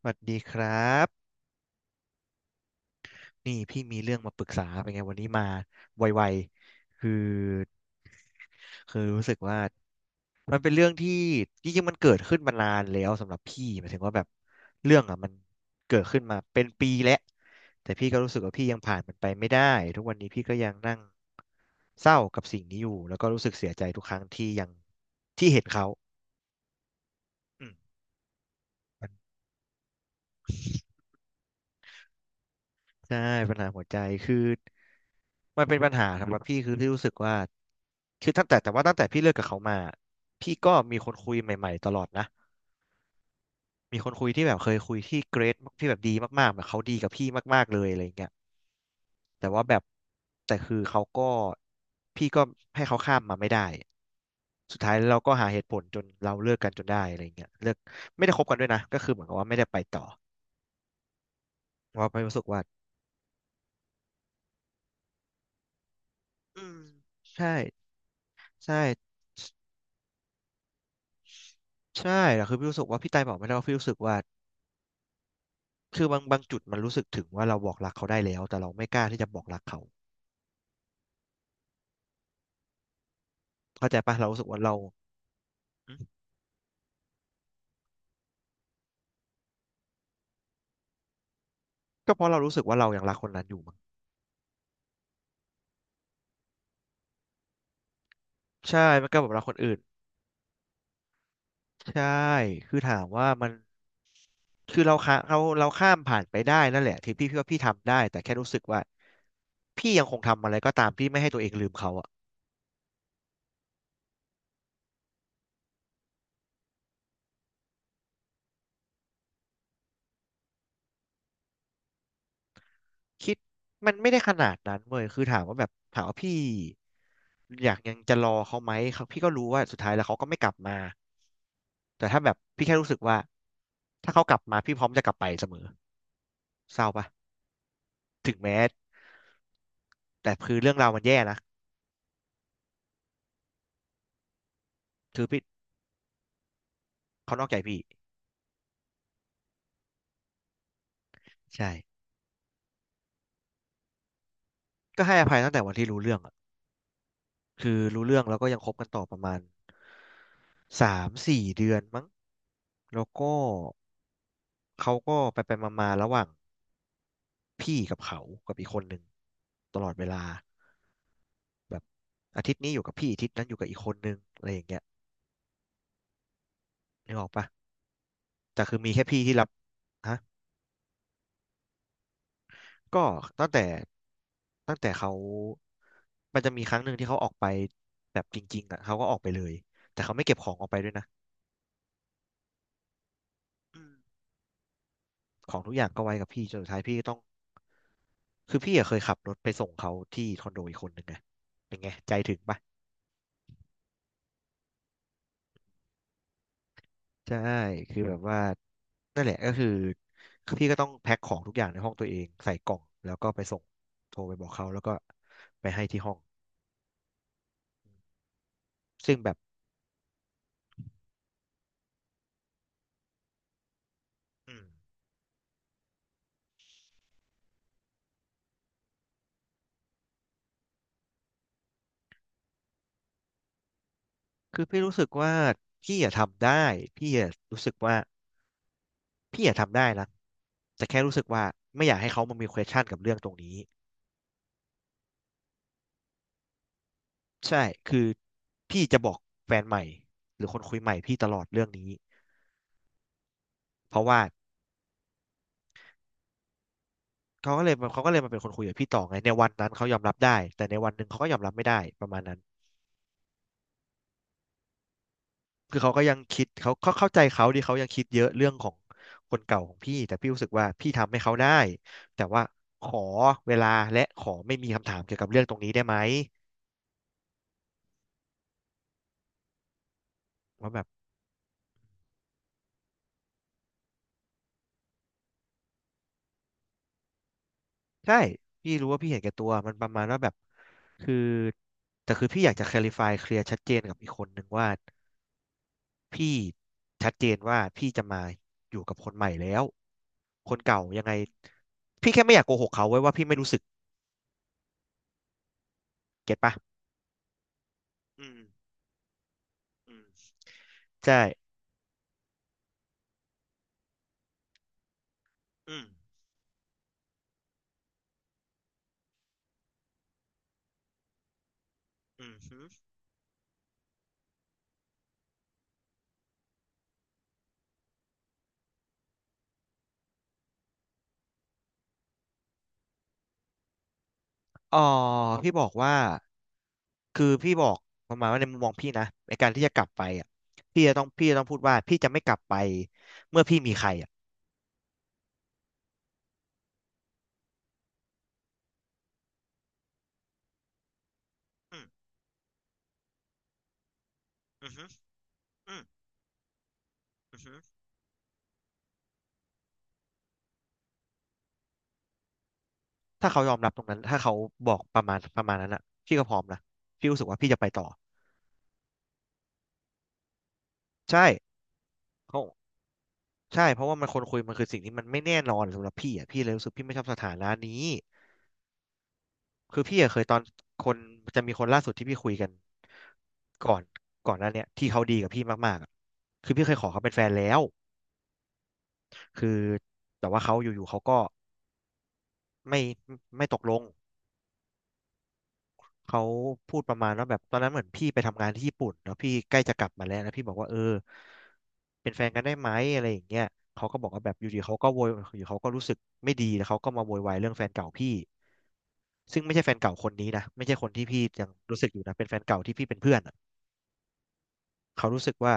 สวัสดีครับนี่พี่มีเรื่องมาปรึกษาเป็นไงวันนี้มาไวๆคือรู้สึกว่ามันเป็นเรื่องที่จริงๆมันเกิดขึ้นมานานแล้วสำหรับพี่หมายถึงว่าแบบเรื่องอ่ะมันเกิดขึ้นมาเป็นปีแล้วแต่พี่ก็รู้สึกว่าพี่ยังผ่านมันไปไม่ได้ทุกวันนี้พี่ก็ยังนั่งเศร้ากับสิ่งนี้อยู่แล้วก็รู้สึกเสียใจทุกครั้งที่ยังที่เห็นเขาอืม ใช่ปัญหาหัวใจคือมันเป็นปัญหาสำหรับพี่คือที่รู้สึกว่าคือตั้งแต่พี่เลิกกับเขามาพี่ก็มีคนคุยใหม่ๆตลอดนะมีคนคุยที่แบบเคยคุยที่เกรดที่แบบดีมากๆแบบเขาดีกับพี่มากๆเลยอะไรอย่างเงี้ยแต่ว่าแบบแต่คือเขาก็พี่ก็ให้เขาข้ามมาไม่ได้สุดท้ายเราก็หาเหตุผลจนเราเลิกกันจนได้อะไรเงี้ยเลิกไม่ได้คบกันด้วยนะก็คือเหมือนกับว่าไม่ได้ไปต่อเพราะว่าไปรู้สึกว่าอืมใช่ใช่ ใช่แต่คือพี่รู้สึกว่าพี่ไตายบอกไม่ได้ว่าพี่รู้สึกว่าคือบางจุดมันรู้สึกถึงว่าเราบอกรักเขาได้แล้วแต่เราไม่กล้าที่จะบอกรักเขาเข้าใจปะเรารู้สึกว่าเราอืมก็เพราะเรารู้สึกว่าเรายังรักคนนั้นอยู่มั้งใช่มันก็แบบรักคนอื่นใช่คือถามว่ามันคือเราข้ามผ่านไปได้นั่นแหละที่พี่ว่าพี่ทำได้แต่แค่รู้สึกว่าพี่ยังคงทำอะไรก็ตามที่ไม่ให้ตัวเองลืมเขาอะ คิดมันไม่ได้ขนาดนั้นเว้ยคือถามว่าแบบถามว่าพี่อยากยังจะรอเขาไหมเขาพี่ก็รู้ว่าสุดท้ายแล้วเขาก็ไม่กลับมาแต่ถ้าแบบพี่แค่รู้สึกว่าถ้าเขากลับมาพี่พร้อมจะกลับไปเสมอเศร้าปะถึงแม้แต่คือเรื่องราวมันแย่นะคือพี่เขานอกใจพี่ใช่ก็ให้อภัยตั้งแต่วันที่รู้เรื่องอะคือรู้เรื่องแล้วก็ยังคบกันต่อประมาณ3-4 เดือนมั้งแล้วก็เขาก็ไปไปมาๆระหว่าง พี่กับเขากับอีกคนหนึ่งตลอดเวลาแบบอาทิตย์นี้อยู่กับพี่อาทิตย์นั้นอยู่กับอีกคนนึงอะไรอย่างเงี้ยนึกออกปะแต่คือมีแค่พี่ที่รับฮะก็ตั้งแต่ตั้งแต่เขา มันจะมีครั้งหนึ่งที่เขาออกไปแบบจริงๆอ่ะเขาก็ออกไปเลยแต่เขาไม่เก็บของออกไปด้วยนะอืมของทุกอย่างก็ไว้กับพี่จนสุดท้ายพี่ก็ต้องคือพี่อะเคยขับรถไปส่งเขาที่คอนโดอีกคนหนึงไงเป็นไงใจถึงปะ ใช่คือแบบว่านั่นแหละก็คือพี่ก็ต้องแพ็คของทุกอย่างในห้องตัวเองใส่กล่องแล้วก็ไปส่งโทรไปบอกเขาแล้วก็ไปให้ที่ห้องซึ่งแบบอืมคือพี่รู้สึกว่าพี่อยากทำได้พี่อยากรู้สึกว่าพี่อยากทำได้นะแต่แค่รู้สึกว่าไม่อยากให้เขามามี question กับเรื่องตรงนี้ใช่คือพี่จะบอกแฟนใหม่หรือคนคุยใหม่พี่ตลอดเรื่องนี้เพราะว่า เขาก็เลยมาเขาก็เลยมาเป็นคนคุยกับพี่ต่อไงในวันนั้นเขายอมรับได้แต่ในวันหนึ่งเขาก็ยอมรับไม่ได้ประมาณนั้นคือเขาก็ยังคิดเขาเข้าใจเขาดี่เขายังคิดเยอะเรื่องของคนเก่าของพี่แต่พี่รู้สึกว่าพี่ทำให้เขาได้แต่ว่าขอเวลาและขอไม่มีคำถามเกี่ยวกับเรื่องตรงนี้ได้ไหมว่าแบบใช่พี่รู้ว่าพี่เห็นแก่ตัวมันประมาณว่าแบบคือแต่คือพี่อยากจะ clarify เคลียร์ชัดเจนกับอีกคนหนึ่งว่า พี่ชัดเจนว่าพี่จะมาอยู่กับคนใหม่แล้วคนเก่ายังไงพี่แค่ไม่อยากโกหกเขาไว้ว่าพี่ไม่รู้สึกเก็ตปะอืมอืมใช่อืมอืมฮึอ๋อพี่บอกว่าคือพี่บอกประมาณว่าในมุมมองพี่นะในการที่จะกลับไปอ่ะพี่จะต้องพูดว่าพี่จะไม่กลับไปเมื่อพี่มีใครอ่ะอืมอืมฮึอืมอืมฮึถ้าเขายอมรับตรงนั้นถ้าเขาบอกประมาณนั้นอ่ะพี่ก็พร้อมนะพี่รู้สึกว่าพี่จะไปต่อใช่ ใช่เพราะว่ามันคนคุยมันคือสิ่งที่มันไม่แน่นอนสำหรับพี่อ่ะพี่เลยรู้สึกพี่ไม่ชอบสถานะนี้คือพี่อะเคยตอนคนจะมีคนล่าสุดที่พี่คุยกันก่อนก่อนหน้าเนี้ยที่เขาดีกับพี่มากๆอะคือพี่เคยขอเขาเป็นแฟนแล้วคือแต่ว่าเขาอยู่ๆเขาก็ไม่ไม่ตกลง เขาพูดประมาณว่าแบบตอนนั้นเหมือนพี่ไปทำงานที่ญี่ปุ่นแล้วพี่ใกล้จะกลับมาแล้วแล้วพี่บอกว่าเออเป็นแฟนกันได้ไหมอะไรอย่างเงี้ยเขาก็บอกว่าแบบอยู่ดีเขาก็โวยอยู่เขาก็รู้สึกไม่ดีแล้วเขาก็มาโวยวายเรื่องแฟนเก่าพี่ซึ่งไม่ใช่แฟนเก่าคนนี้นะไม่ใช่คนที่พี่ยังรู้สึกอยู่นะเป็นแฟนเก่าที่พี่เป็นเพื่อนอะ เขารู้สึกว่า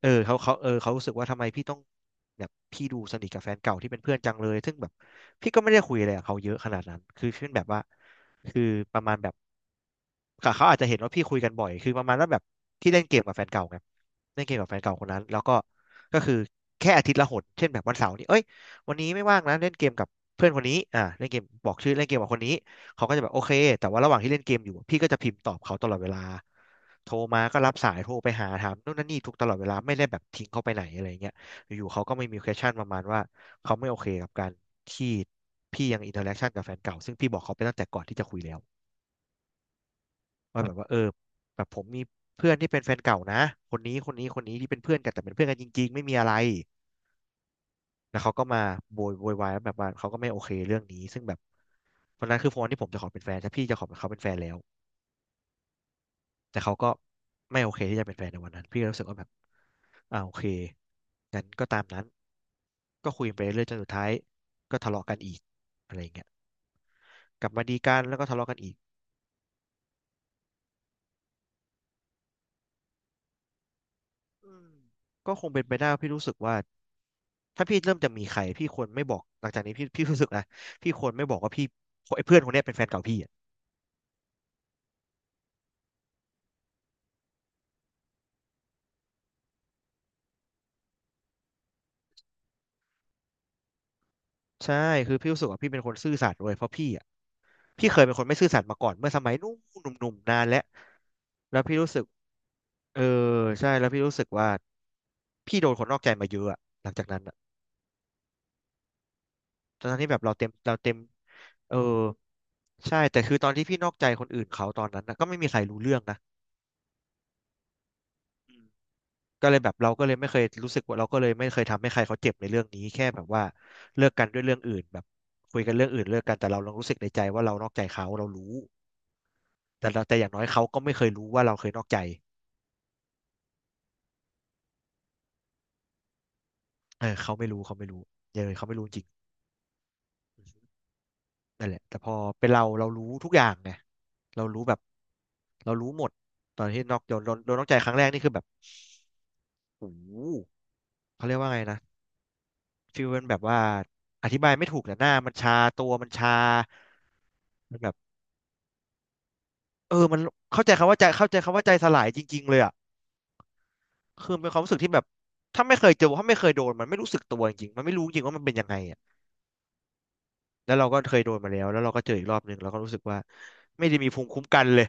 เออเขาเออเขารู้สึกว่าทำไมพี่ต้องแบบพี่ดูสนิทกับแฟนเก่าที่เป็นเพื่อนจังเลยซึ่งแบบพี่ก็ไม่ได้คุยอะไรกับเขาเยอะขนาดนั้นคือเช่นแบบว่าคือประมาณแบบค่ะเขาอาจจะเห็นว่าพี่คุยกันบ่อยคือประมาณว่าแบบพี่เล่นเกมกับแฟนเก่าไงเล่นเกมกับแฟนเก่าคนนั้นแล้วก็ก็คือแค่อาทิตย์ละหนเช่นแบบวันเสาร์นี้เอ้ยวันนี้ไม่ว่างนะเล่นเกมกับเพื่อนคนนี้เล่นเกมบอกชื่อเล่นเกมกับคนนี้เขาก็จะแบบโอเคแต่ว่าระหว่างที่เล่นเกมอยู่พี่ก็จะพิมพ์ตอบเขาตลอดเวลา โทรมาก็รับสายโทรไปหาถามนู่นนั่นนี่ทุกตลอดเวลาไม่ได้แบบทิ้งเขาไปไหนอะไรเงี้ยอยู่ๆเขาก็ไม่มี question ประมาณว่าเขาไม่โอเคกับการที่พี่ยังอินเทอร์แอคชั่นกับแฟนเก่าซึ่งพี่บอกเขาไปตั้งแต่ก่อนที่จะคุยแล้วว่าแบบว่าเออแบบผมมีเพื่อนที่เป็นแฟนเก่านะคนนี้คนนี้คนนี้ที่เป็นเพื่อนกันแต่เป็นเพื่อนกันจริงๆไม่มีอะไรแล้วเขาก็มาโวยวายว่าแบบว่าเขาก็ไม่โอเคเรื่องนี้ซึ่งแบบวันนั้นคือโฟนที่ผมจะขอเป็นแฟนแต่พี่จะขอเป็นเขาเป็นแฟนแล้ว แต่เขาก็ไม่โอเคที่จะเป็นแฟนในวันนั้นพี่ก็รู้สึกว่าแบบโอเคงั้นก็ตามนั้นก็คุยไปเรื่อยจนสุดท้ายก็ทะเลาะกันอีกอะไรอย่างเงี้ยกลับมาดีกันแล้วก็ทะเลาะกันอีกอืมก็คงเป็นไปได้ว่าพี่รู้สึกว่าถ้าพี่เริ่มจะมีใครพี่ควรไม่บอกหลังจากนี้พี่รู้สึกนะพี่ควรไม่บอกว่าพี่ไอ้เพื่อนคนเนี้ยเป็นแฟนเก่าพี่อะใช่คือพี่รู้สึกว่าพี่เป็นคนซื่อสัตย์ด้วยเพราะพี่อะ พี่เคยเป็นคนไม่ซื่อสัตย์มาก่อนเมื่อสมัยนู้นหนุ่มๆนานแล้วแล้วพี่รู้สึกเออใช่แล้วพี่รู้สึกว่าพี่โดนคนนอกใจมาเยอะอะหลังจากนั้นอะตอนนั้นที่แบบเราเต็มเออใช่แต่คือตอนที่พี่นอกใจคนอื่นเขาตอนนั้นนะก็ไม่มีใครรู้เรื่องนะอืมก็เลยแบบเราก็เลยไม่เคยรู้สึกว่าเราก็เลยไม่เคยทำให้ใครเขาเจ็บในเรื่องนี้แค่แบบว่าเลิกกันด้วยเรื่องอื่นแบบคุยกันเรื่องอื่นเลิกกันแต่เรายังรู้สึกในใจว่าเรานอกใจเขาเรารู้แต่เราแต่อย่างน้อยเขาก็ไม่เคยรู้ว่าเราเคยนอกใจ เออเขาไม่รู้เขาไม่รู้อย่าเลยเขาไม่รู้จริงอืมนั่นแหละแต่พอเป็นเราเรารู้ทุกอย่างไงเรารู้แบบเรารู้หมดตอนที่นอกโดนโดนโดนนอกใจครั้งแรกนี่คือแบบโอ้โหเขาเรียกว่าไงนะฟีลเป็นแบบว่าอธิบายไม่ถูกแต่หน้ามันชาตัวมันชามันแบบเออมันเข้าใจคำว่าใจเข้าใจคำว่าใจสลายจริงๆเลยอ่ะคือเป็นความรู้สึกที่แบบถ้าไม่เคยเจอถ้าไม่เคยโดนมันไม่รู้สึกตัวจริงๆมันไม่รู้จริงว่ามันเป็นยังไงอ่ะแล้วเราก็เคยโดนมาแล้วแล้วเราก็เจออีกรอบหนึ่งเราก็รู้สึกว่าไม่ได้มีภูมิคุ้มกันเลย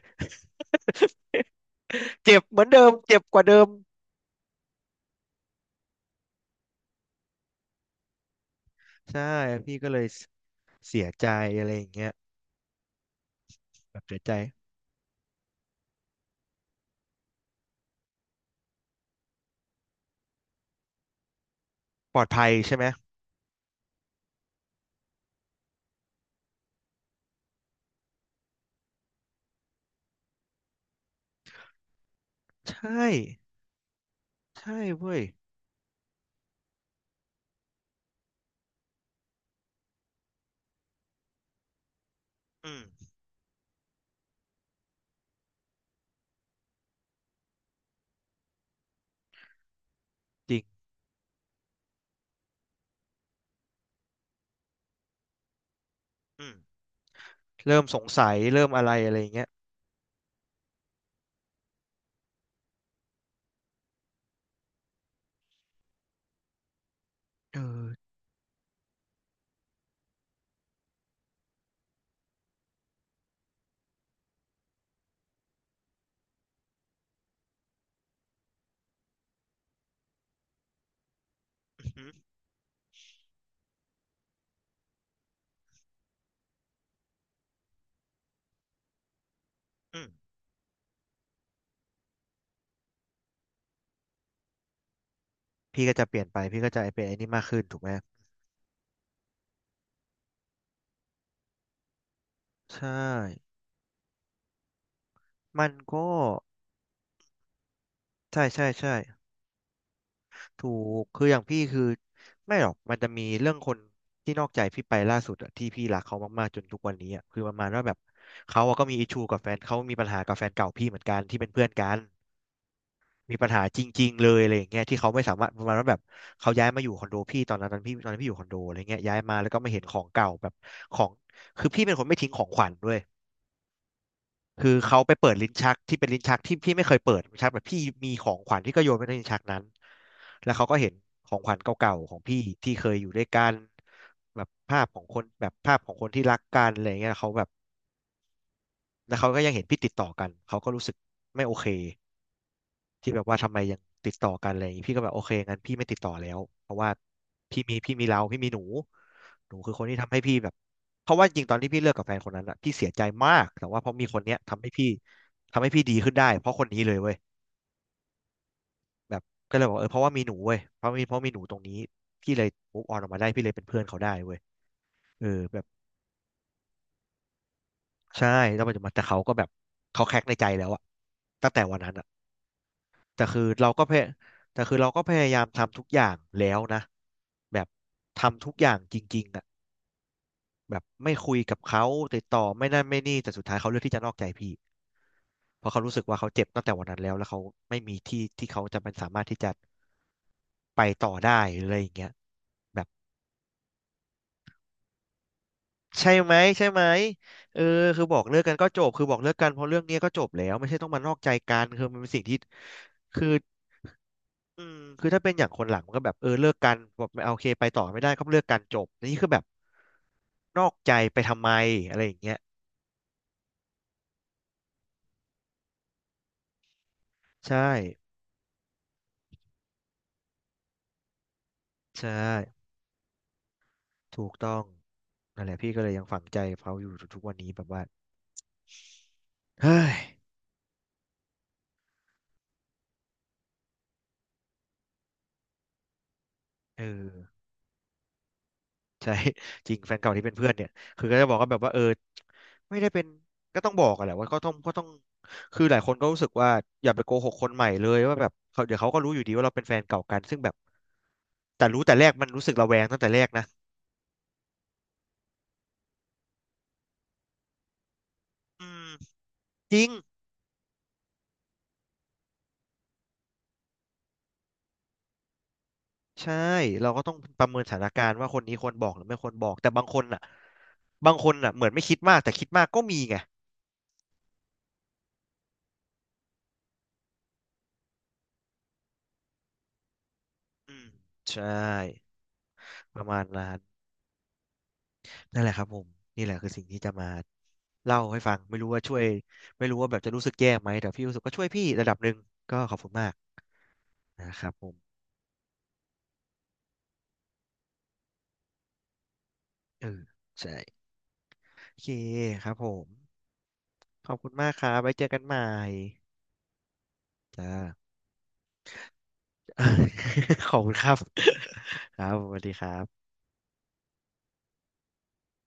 เจ็บเหมือนเดิมเจ็บกว่าเดิมใช่พี่ก็เลยเสียใจอะไรอย่างเงี้ยแบบเสียใจปลอดภัยใช่ไหมใช่ใช่เว้ยอืมจริงอืมเริ่มสงสัยเริ่มอะไรอะไรอย่างเงี้ยเอออือหืออืมพี่ก็จะเปลี่ยนไปพี่ก็จะเป็นไอ้นี่มากขึ้นถูกไหมใช่มันก็ใช่ใช่ใช่ ถูกคืออย่างพี่คือไม่หรอกมันจะมีเรื่องคนที่นอกใจพี่ไปล่าสุดอะที่พี่รักเขามากๆจนทุกวันนี้อะคือประมาณว่าแบบเขาอะก็มีอิชูกับแฟนเขามีปัญหากับแฟนเก่าพี่เหมือนกันที่เป็นเพื่อนกันมีปัญหาจริงๆเลยอะไรอย่างเงี้ยที่เขาไม่สามารถประมาณว่าแบบเขาย้ายมาอยู่คอนโดพี่ตอนนั้นตอนพี่ตอนนั้นพี่อยู่คอนโดอะไรเงี้ยย้ายมาแล้วก็มาเห็นของเก่าแบบของคือพี่เป็นคนไม่ทิ้งของขวัญด้วย คือเขาไปเปิดลิ้นชักที่เป็นลิ้นชักที่พี่ไม่เคยเปิดลิ้นชักแบบพี่มีของขวัญที่ก็โยนไปในลิ้นชักนั้นแล้วเขาก็เห็นของขวัญเก่าๆของพี่ที่เคยอยู่ด้วยกันแบบภาพของคนแบบภาพของคนที่รักกันอะไรเงี้ยเขาแบบแล้วเขาก็ยังเห็นพี่ติดต่อกันเขาก็รู้สึกไม่โอเค ที่แบบว่าทำไมยังติดต่อกันอะไรอย่างงี้พี่ก็แบบโอเคงั้นพี่ไม่ติดต่อแล้วเพราะว่าพี่มีพี่มีเราพี่มีหนูหนูคือคนที่ทำให้พี่แบบเพราะว่าจริงตอนที่พี่เลิกกับแฟนคนนั้นอะพี่เสียใจมากแต่ว่าเพราะมีคนเนี้ยทำให้พี่ทำให้พี่ดีขึ้นได้เพราะคนนี้เลยเว้ยแบบก็เลยบอกเออเพราะว่ามีหนูเว้ยเพราะมีเพราะมีหนูตรงนี้พี่เลยมูฟออนออกมาได้พี่เลยเป็นเพื่อนเขาได้เว้ยเออแบบใช่แล้วมันจะมาแต่เขาก็แบบเขาแคกในใจแล้วอะตั้งแต่วันนั้นอะ แต่คือเราก็พยแต่คือเราก็พยายามทำทุกอย่างแล้วนะแบบทำทุกอย่างจริงๆอ่ะแบบไม่คุยกับเขาติดต่อไม่นั่นไม่นี่แต่สุดท้ายเขาเลือกที่จะนอกใจพี่เพราะเขารู้สึกว่าเขาเจ็บตั้งแต่วันนั้นแล้วแล้วเขาไม่มีที่ที่เขาจะเป็นสามารถที่จะไปต่อได้อะไรอย่างเงี้ยแบบใช่ไหมใช่ไหมเออคือบอกเลิกกันก็จบคือบอกเลิกกันเพราะเรื่องเนี้ยก็จบแล้วไม่ใช่ต้องมานอกใจกันคือมันเป็นสิ่งที่คือ อืมคือถ้าเป็นอย่างคนหลังมันก็แบบเออเลิกกันแบบไม่เอาโอเคไปต่อไม่ได้ก็เลิกกันจบแต่นี่คือแบบนอกใจไปทำไมอะไรอย่างเงี้ยใช่ใช่ถูกต้องนั่นแหละพี่ก็เลยยังฝังใจเขาอยู่ทุกๆวันนี้แบบว่าเฮ้ยเออใช่ จริงแฟนเก่าที่เป็นเพื่อนเนี่ยคือก็จะบอกก็แบบว่าเออไม่ได้เป็นก็ต้องบอกอะแหละว่าก็ต้องก็ต้องคือหลายคนก็รู้สึกว่าอย่าไปโกหกคนใหม่เลยว่าแบบเขาเดี๋ยวเขาก็รู้อยู่ดีว่าเราเป็นแฟนเก่ากันซึ่งแบบแต่รู้แต่แรกมันรู้สึกระแวงตั้งแต่แรกนะ อืมจริงใช่เราก็ต้องประเมินสถานการณ์ว่าคนนี้ควรบอกหรือไม่ควรบอกแต่บางคนอ่ะบางคนอ่ะเหมือนไม่คิดมากแต่คิดมากก็มีไงอืมใช่ประมาณนั้นนั่นแหละครับผมนี่แหละคือสิ่งที่จะมาเล่าให้ฟังไม่รู้ว่าช่วยไม่รู้ว่าแบบจะรู้สึกแย่ไหมแต่พี่รู้สึกก็ช่วยพี่ระดับหนึ่งก็ขอบคุณมากนะครับผมเออใช่โอเคครับผมขอบคุณมากครับไว้เจอกันใหม่จ้า ขอบคุณครับครับสวัสดีครับ